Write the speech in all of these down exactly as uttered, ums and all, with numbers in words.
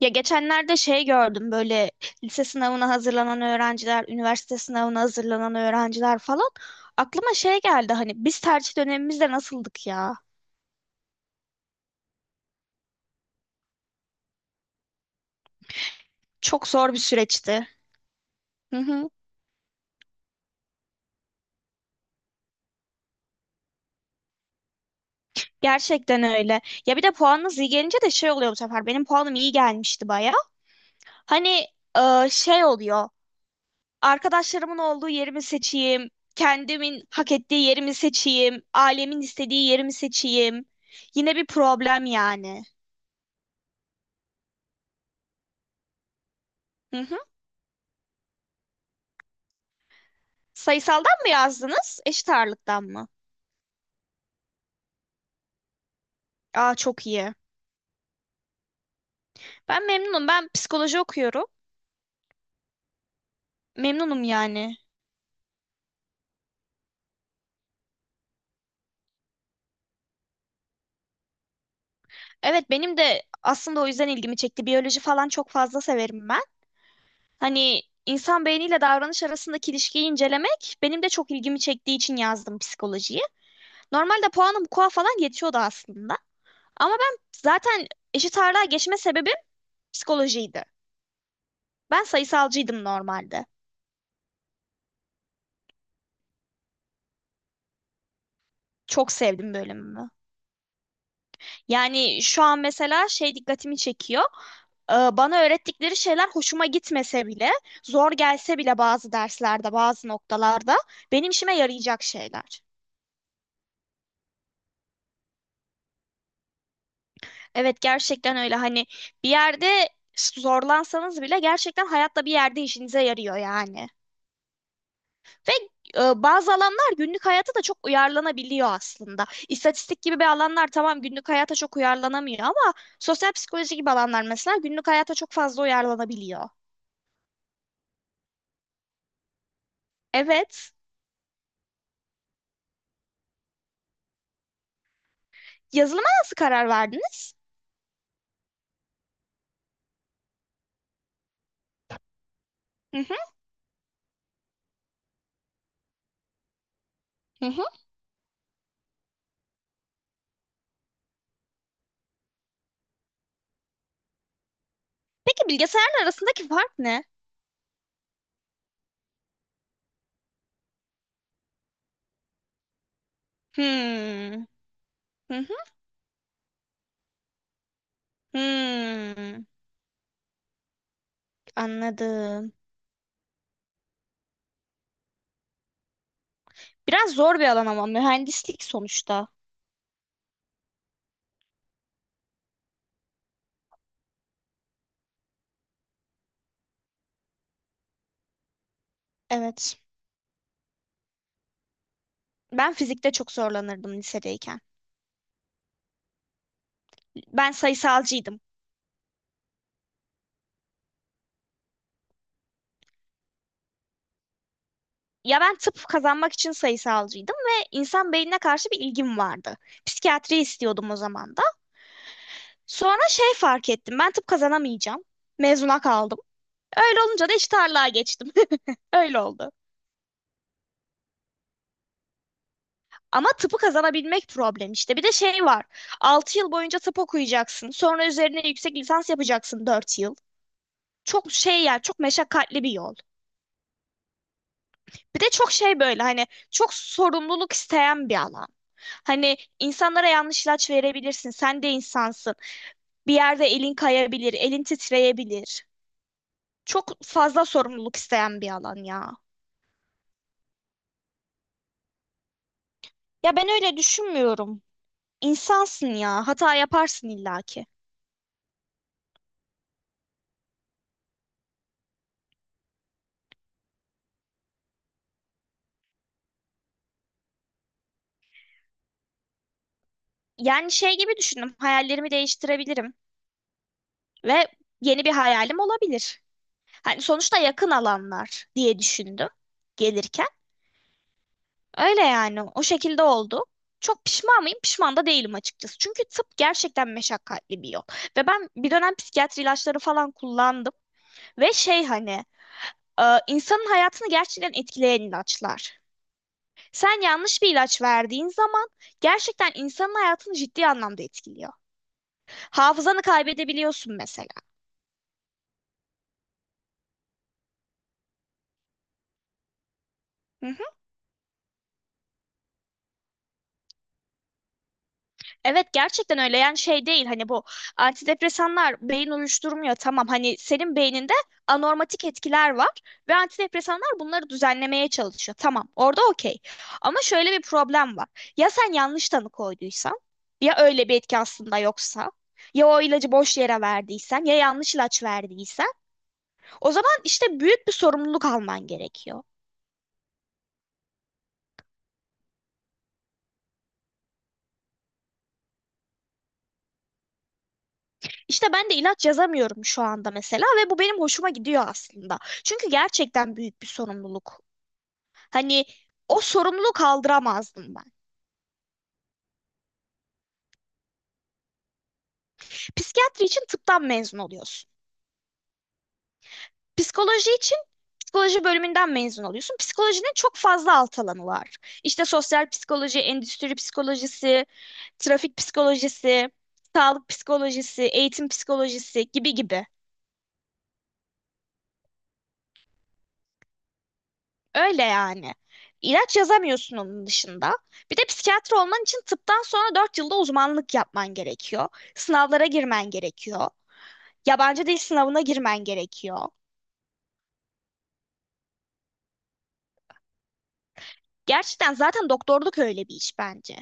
Ya geçenlerde şey gördüm böyle lise sınavına hazırlanan öğrenciler, üniversite sınavına hazırlanan öğrenciler falan. Aklıma şey geldi hani biz tercih dönemimizde nasıldık ya? Çok zor bir süreçti. Hı hı. Gerçekten öyle. Ya bir de puanınız iyi gelince de şey oluyor bu sefer. Benim puanım iyi gelmişti baya. Hani e, şey oluyor. Arkadaşlarımın olduğu yerimi seçeyim. Kendimin hak ettiği yerimi seçeyim. Ailemin istediği yerimi seçeyim. Yine bir problem yani. Hı hı. Sayısaldan mı yazdınız? Eşit ağırlıktan mı? Aa çok iyi. Ben memnunum. Ben psikoloji okuyorum. Memnunum yani. Evet benim de aslında o yüzden ilgimi çekti. Biyoloji falan çok fazla severim ben. Hani insan beyniyle davranış arasındaki ilişkiyi incelemek benim de çok ilgimi çektiği için yazdım psikolojiyi. Normalde puanım K U A falan yetiyordu aslında. Ama ben zaten eşit ağırlığa geçme sebebim psikolojiydi. Ben sayısalcıydım normalde. Çok sevdim bölümümü. Yani şu an mesela şey dikkatimi çekiyor. Ee, Bana öğrettikleri şeyler hoşuma gitmese bile, zor gelse bile bazı derslerde, bazı noktalarda benim işime yarayacak şeyler. Evet gerçekten öyle hani bir yerde zorlansanız bile gerçekten hayatta bir yerde işinize yarıyor yani. Ve e, bazı alanlar günlük hayata da çok uyarlanabiliyor aslında. İstatistik gibi bir alanlar tamam günlük hayata çok uyarlanamıyor ama sosyal psikoloji gibi alanlar mesela günlük hayata çok fazla uyarlanabiliyor. Evet. Yazılıma nasıl karar verdiniz? Hı hı, hı hı. Peki bilgisayarın arasındaki fark ne? Hmm. Hı hı, hmm. Anladım. Biraz zor bir alan ama mühendislik sonuçta. Evet. Ben fizikte çok zorlanırdım lisedeyken. Ben sayısalcıydım. Ya ben tıp kazanmak için sayısalcıydım ve insan beynine karşı bir ilgim vardı. Psikiyatri istiyordum o zaman da. Sonra şey fark ettim. Ben tıp kazanamayacağım. Mezuna kaldım. Öyle olunca da eşit ağırlığa geçtim. Öyle oldu. Ama tıpı kazanabilmek problem işte. Bir de şey var. Altı yıl boyunca tıp okuyacaksın. Sonra üzerine yüksek lisans yapacaksın dört yıl. Çok şey yani çok meşakkatli bir yol. Bir de çok şey böyle hani çok sorumluluk isteyen bir alan. Hani insanlara yanlış ilaç verebilirsin. Sen de insansın. Bir yerde elin kayabilir, elin titreyebilir. Çok fazla sorumluluk isteyen bir alan ya. Ya ben öyle düşünmüyorum. İnsansın ya. Hata yaparsın illaki. Yani şey gibi düşündüm. Hayallerimi değiştirebilirim. Ve yeni bir hayalim olabilir. Hani sonuçta yakın alanlar diye düşündüm gelirken. Öyle yani o şekilde oldu. Çok pişman mıyım? Pişman da değilim açıkçası. Çünkü tıp gerçekten meşakkatli bir yol. Ve ben bir dönem psikiyatri ilaçları falan kullandım. Ve şey hani e, insanın hayatını gerçekten etkileyen ilaçlar. Sen yanlış bir ilaç verdiğin zaman gerçekten insanın hayatını ciddi anlamda etkiliyor. Hafızanı kaybedebiliyorsun mesela. Hı. Evet gerçekten öyle yani şey değil hani bu antidepresanlar beyin uyuşturmuyor tamam hani senin beyninde anormatik etkiler var ve antidepresanlar bunları düzenlemeye çalışıyor tamam orada okey ama şöyle bir problem var ya sen yanlış tanı koyduysan ya öyle bir etki aslında yoksa ya o ilacı boş yere verdiysen ya yanlış ilaç verdiysen o zaman işte büyük bir sorumluluk alman gerekiyor. İşte ben de ilaç yazamıyorum şu anda mesela ve bu benim hoşuma gidiyor aslında çünkü gerçekten büyük bir sorumluluk. Hani o sorumluluğu kaldıramazdım ben. Psikiyatri için tıptan mezun oluyorsun. Psikoloji için psikoloji bölümünden mezun oluyorsun. Psikolojinin çok fazla alt alanı var. İşte sosyal psikoloji, endüstri psikolojisi, trafik psikolojisi, sağlık psikolojisi, eğitim psikolojisi gibi gibi. Öyle yani. İlaç yazamıyorsun onun dışında. Bir de psikiyatri olman için tıptan sonra dört yılda uzmanlık yapman gerekiyor. Sınavlara girmen gerekiyor. Yabancı dil sınavına girmen gerekiyor. Gerçekten zaten doktorluk öyle bir iş bence.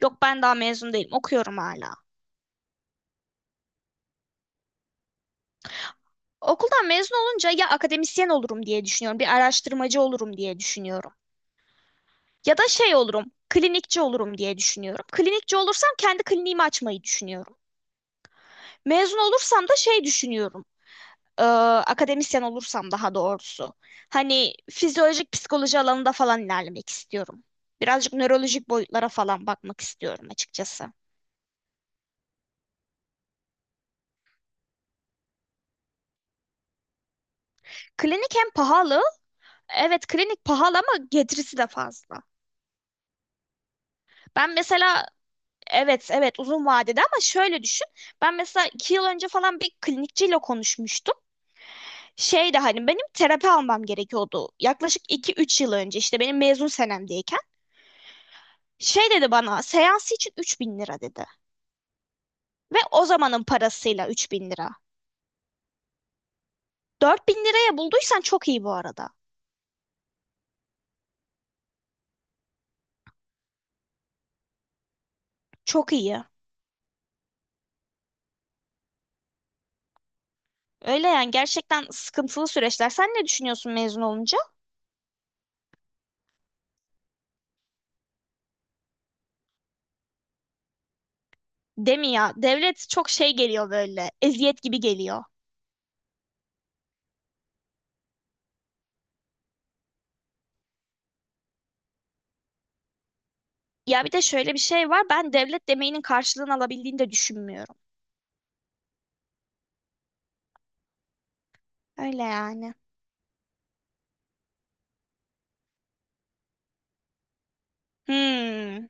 Yok ben daha mezun değilim, okuyorum hala. Okuldan mezun olunca ya akademisyen olurum diye düşünüyorum, bir araştırmacı olurum diye düşünüyorum. Ya da şey olurum, klinikçi olurum diye düşünüyorum. Klinikçi olursam kendi kliniğimi açmayı düşünüyorum. Mezun olursam da şey düşünüyorum. e, Akademisyen olursam daha doğrusu. Hani fizyolojik psikoloji alanında falan ilerlemek istiyorum. Birazcık nörolojik boyutlara falan bakmak istiyorum açıkçası. Klinik hem pahalı. Evet klinik pahalı ama getirisi de fazla. Ben mesela evet evet uzun vadede ama şöyle düşün. Ben mesela iki yıl önce falan bir klinikçiyle konuşmuştum. Şeydi hani benim terapi almam gerekiyordu. Yaklaşık iki üç yıl önce işte benim mezun senemdeyken. Şey dedi bana, seansı için üç bin lira dedi. Ve o zamanın parasıyla üç bin lira. Dört bin liraya bulduysan çok iyi bu arada. Çok iyi. Öyle yani gerçekten sıkıntılı süreçler. Sen ne düşünüyorsun mezun olunca? Değil mi ya? Devlet çok şey geliyor böyle. Eziyet gibi geliyor. Ya bir de şöyle bir şey var. Ben devlet demeyinin karşılığını alabildiğini de düşünmüyorum. Öyle yani. Hmm.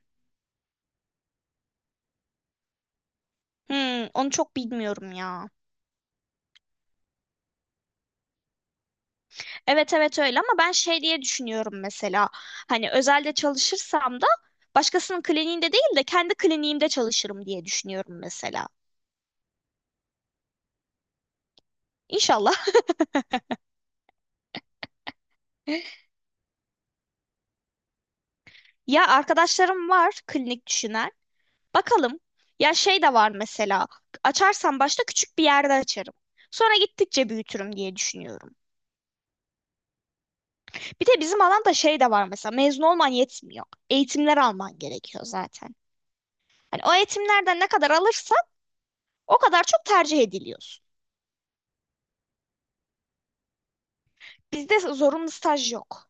Hmm, onu çok bilmiyorum ya. Evet evet öyle ama ben şey diye düşünüyorum mesela. Hani özelde çalışırsam da başkasının kliniğinde değil de kendi kliniğimde çalışırım diye düşünüyorum mesela. İnşallah. Ya arkadaşlarım var klinik düşünen. Bakalım. Ya şey de var mesela. Açarsam başta küçük bir yerde açarım. Sonra gittikçe büyütürüm diye düşünüyorum. Bir de bizim alanda şey de var mesela. Mezun olman yetmiyor. Eğitimler alman gerekiyor zaten. Hani o eğitimlerden ne kadar alırsan o kadar çok tercih ediliyorsun. Bizde zorunlu staj yok.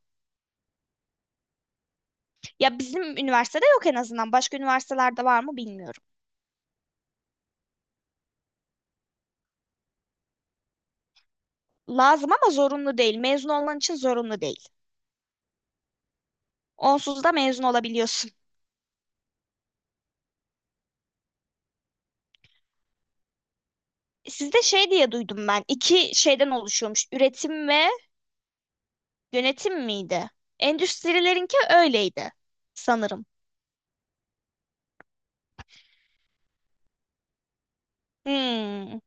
Ya bizim üniversitede yok en azından. Başka üniversitelerde var mı bilmiyorum. Lazım ama zorunlu değil. Mezun olman için zorunlu değil. Onsuz da mezun olabiliyorsun. Sizde şey diye duydum ben. İki şeyden oluşuyormuş. Üretim ve Yönetim miydi? Endüstrilerinki öyleydi sanırım. Hmm.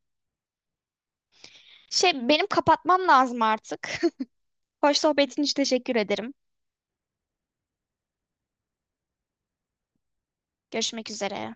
Şey benim kapatmam lazım artık. Hoş sohbetin için teşekkür ederim. Görüşmek üzere.